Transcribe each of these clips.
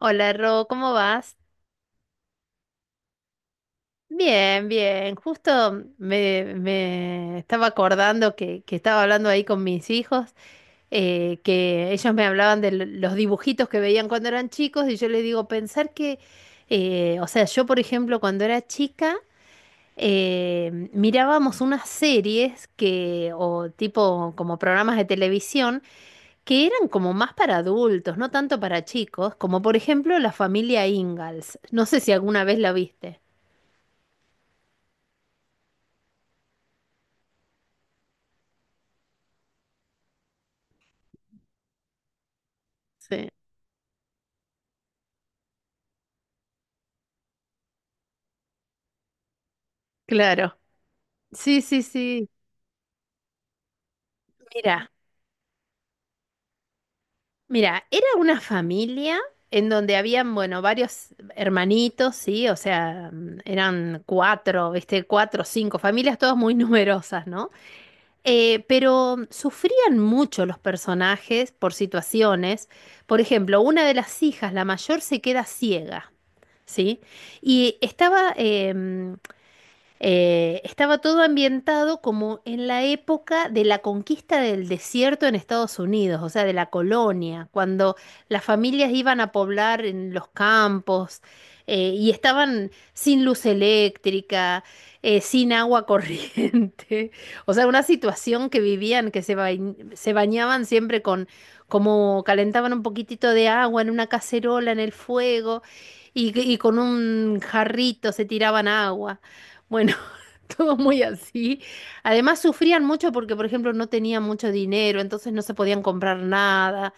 Hola, Ro, ¿cómo vas? Bien, bien. Justo me estaba acordando que estaba hablando ahí con mis hijos, que ellos me hablaban de los dibujitos que veían cuando eran chicos y yo les digo, pensar que, o sea, yo por ejemplo cuando era chica mirábamos unas series que, o tipo como programas de televisión que eran como más para adultos, no tanto para chicos, como por ejemplo La familia Ingalls. No sé si alguna vez la viste. Sí, claro. Sí, sí, sí. Mira, mira, era una familia en donde habían, bueno, varios hermanitos, sí, o sea, eran cuatro, viste, cuatro, cinco familias, todas muy numerosas, ¿no? Pero sufrían mucho los personajes por situaciones. Por ejemplo, una de las hijas, la mayor, se queda ciega, ¿sí? Y estaba todo ambientado como en la época de la conquista del desierto en Estados Unidos, o sea, de la colonia, cuando las familias iban a poblar en los campos y estaban sin luz eléctrica, sin agua corriente, o sea, una situación que vivían, que se bañaban siempre con, como calentaban un poquitito de agua en una cacerola en el fuego y con un jarrito se tiraban agua. Bueno, todo muy así. Además, sufrían mucho porque, por ejemplo, no tenían mucho dinero, entonces no se podían comprar nada.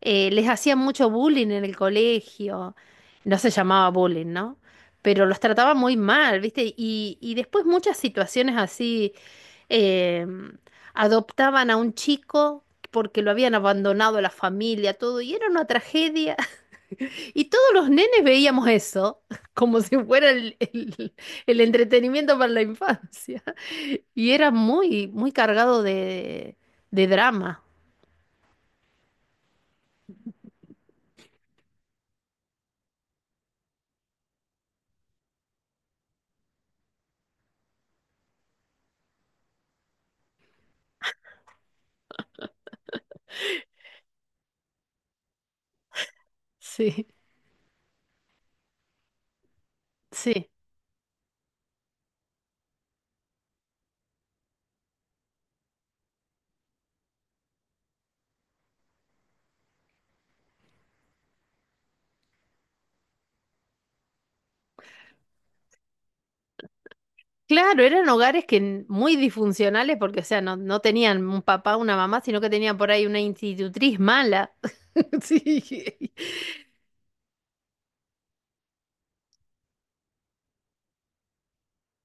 Les hacían mucho bullying en el colegio. No se llamaba bullying, ¿no? Pero los trataba muy mal, ¿viste? Y después muchas situaciones así, eh, adoptaban a un chico porque lo habían abandonado la familia, todo, y era una tragedia. Y todos los nenes veíamos eso, como si fuera el entretenimiento para la infancia. Y era muy, muy cargado de drama. Sí, sí. Claro, eran hogares que muy disfuncionales porque, o sea, no tenían un papá, una mamá, sino que tenían por ahí una institutriz mala. Sí,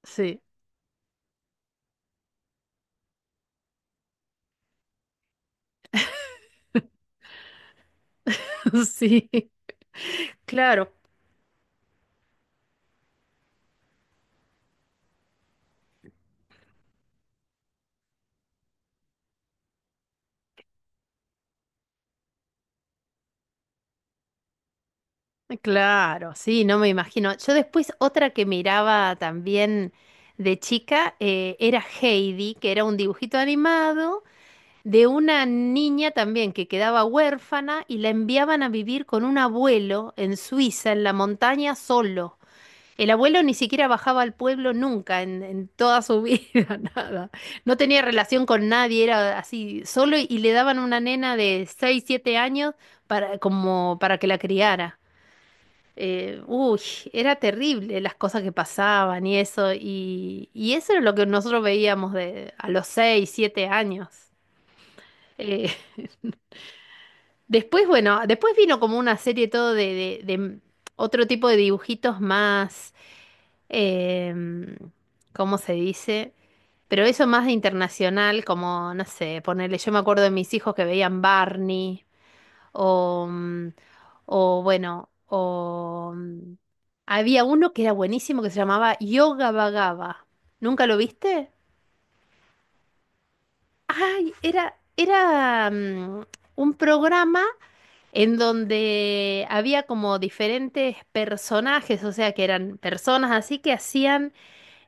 sí, sí. Claro, claro, sí, no me imagino. Yo después otra que miraba también de chica era Heidi, que era un dibujito animado de una niña también que quedaba huérfana y la enviaban a vivir con un abuelo en Suiza, en la montaña, solo. El abuelo ni siquiera bajaba al pueblo nunca en toda su vida, nada. No tenía relación con nadie, era así, solo y le daban una nena de 6 7 años para, como para que la criara. Eh, uy, Era terrible las cosas que pasaban y eso, y eso era lo que nosotros veíamos de, a los 6 7 años. Eh, Después, bueno, después vino como una serie todo de, de otro tipo de dibujitos más, em, ¿cómo se dice? Pero eso más internacional, como, no sé, ponerle, yo me acuerdo de mis hijos que veían Barney, o, o bueno, o había uno que era buenísimo que se llamaba Yoga Vagaba. ¿Nunca lo viste? Ay, era, era un programa. En donde había como diferentes personajes, o sea, que eran personas así que hacían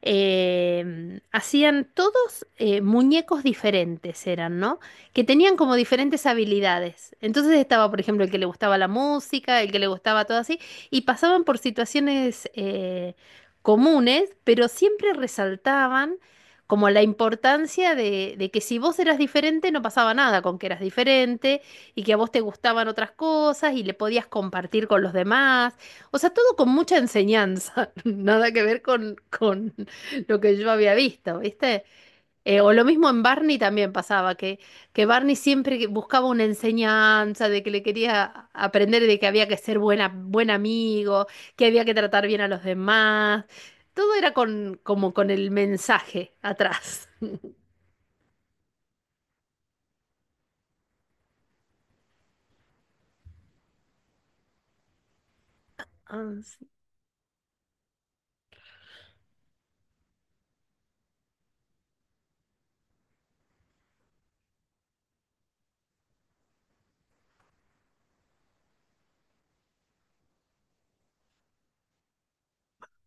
hacían todos muñecos diferentes, eran, ¿no? Que tenían como diferentes habilidades. Entonces estaba, por ejemplo, el que le gustaba la música, el que le gustaba todo así, y pasaban por situaciones comunes, pero siempre resaltaban como la importancia de que si vos eras diferente no pasaba nada con que eras diferente y que a vos te gustaban otras cosas y le podías compartir con los demás. O sea, todo con mucha enseñanza, nada que ver con lo que yo había visto, ¿viste? O lo mismo en Barney también pasaba, que Barney siempre buscaba una enseñanza de que le quería aprender de que había que ser buena, buen amigo, que había que tratar bien a los demás. Todo era con, como con el mensaje atrás. Ah, sí.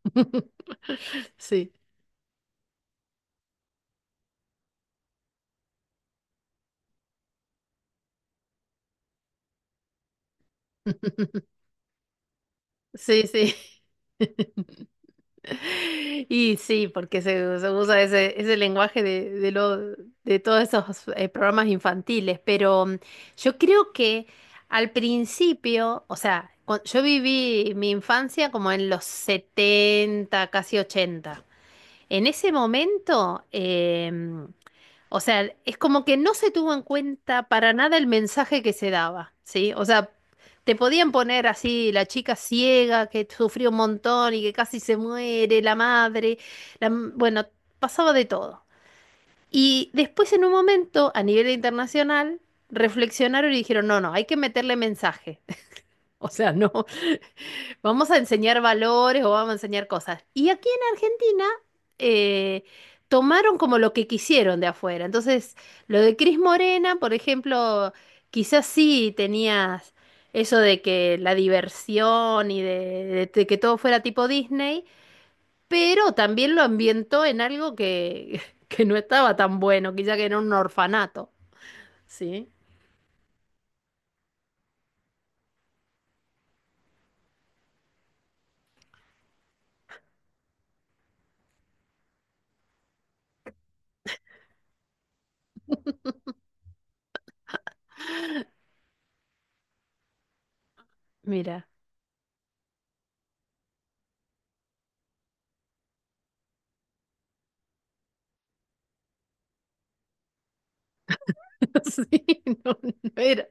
Sí. Sí, sí. Y sí, porque se usa ese, ese lenguaje de, lo, de todos esos programas infantiles, pero yo creo que al principio, o sea, yo viví mi infancia como en los 70 casi ochenta. En ese momento, o sea, es como que no se tuvo en cuenta para nada el mensaje que se daba, ¿sí? O sea, te podían poner así la chica ciega que sufrió un montón y que casi se muere, la madre, bueno, pasaba de todo. Y después en un momento, a nivel internacional, reflexionaron y dijeron, no, no, hay que meterle mensaje. O sea, no. Vamos a enseñar valores o vamos a enseñar cosas. Y aquí en Argentina eh, tomaron como lo que quisieron de afuera. Entonces, lo de Cris Morena, por ejemplo, quizás sí tenías eso de que la diversión y de, de que todo fuera tipo Disney, pero también lo ambientó en algo que, que no estaba tan bueno, quizá que era un orfanato. Sí, mira. Sí, no, no era.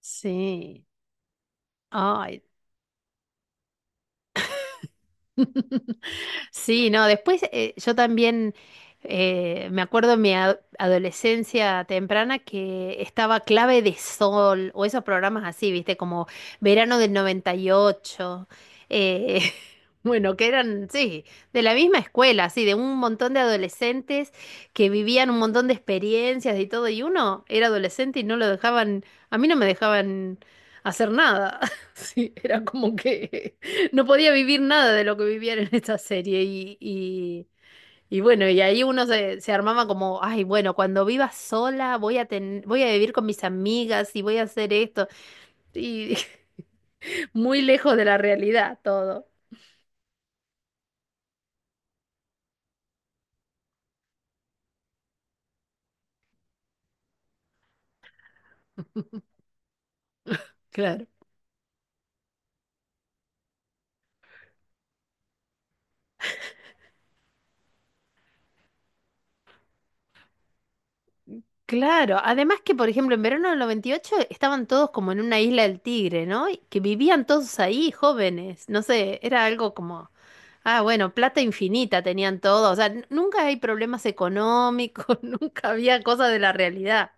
Sí. Ay. Sí, no, después yo también me acuerdo en mi adolescencia temprana que estaba Clave de Sol o esos programas así, viste, como Verano del 98, eh, bueno, que eran, sí, de la misma escuela, así, de un montón de adolescentes que vivían un montón de experiencias y todo, y uno era adolescente y no lo dejaban, a mí no me dejaban hacer nada, sí, era como que... No podía vivir nada de lo que vivían en esta serie y bueno, y ahí uno se, se armaba como, ay, bueno, cuando viva sola voy a voy a vivir con mis amigas y voy a hacer esto. Y muy lejos de la realidad todo. Claro. Claro, además que por ejemplo en verano del 98 estaban todos como en una isla del Tigre, ¿no? Y que vivían todos ahí, jóvenes, no sé, era algo como, ah, bueno, plata infinita tenían todos, o sea, nunca hay problemas económicos, nunca había cosas de la realidad,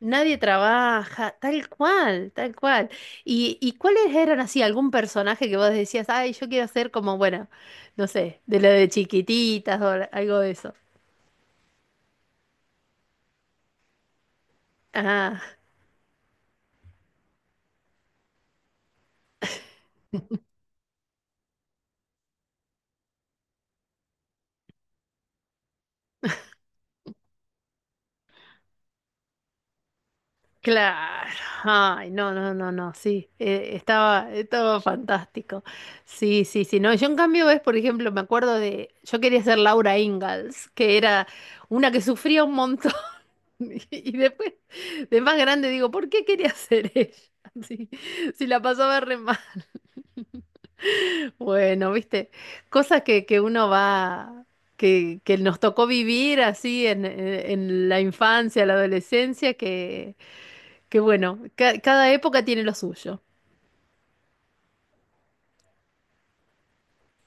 nadie trabaja, tal cual, tal cual. Y cuáles eran así algún personaje que vos decías, ay, yo quiero ser como, bueno, no sé, de lo de chiquititas o algo de eso? Claro, ay, no, no, no, no, sí, estaba, estaba fantástico. Sí, sí, sí, no, yo en cambio, ves, por ejemplo, me acuerdo de, yo quería ser Laura Ingalls, que era una que sufría un montón, y después, de más grande, digo, ¿por qué quería ser ella? Sí, si la pasaba re mal. Bueno, viste, cosas que uno va, que nos tocó vivir así en la infancia, la adolescencia, que bueno. Cada época tiene lo suyo.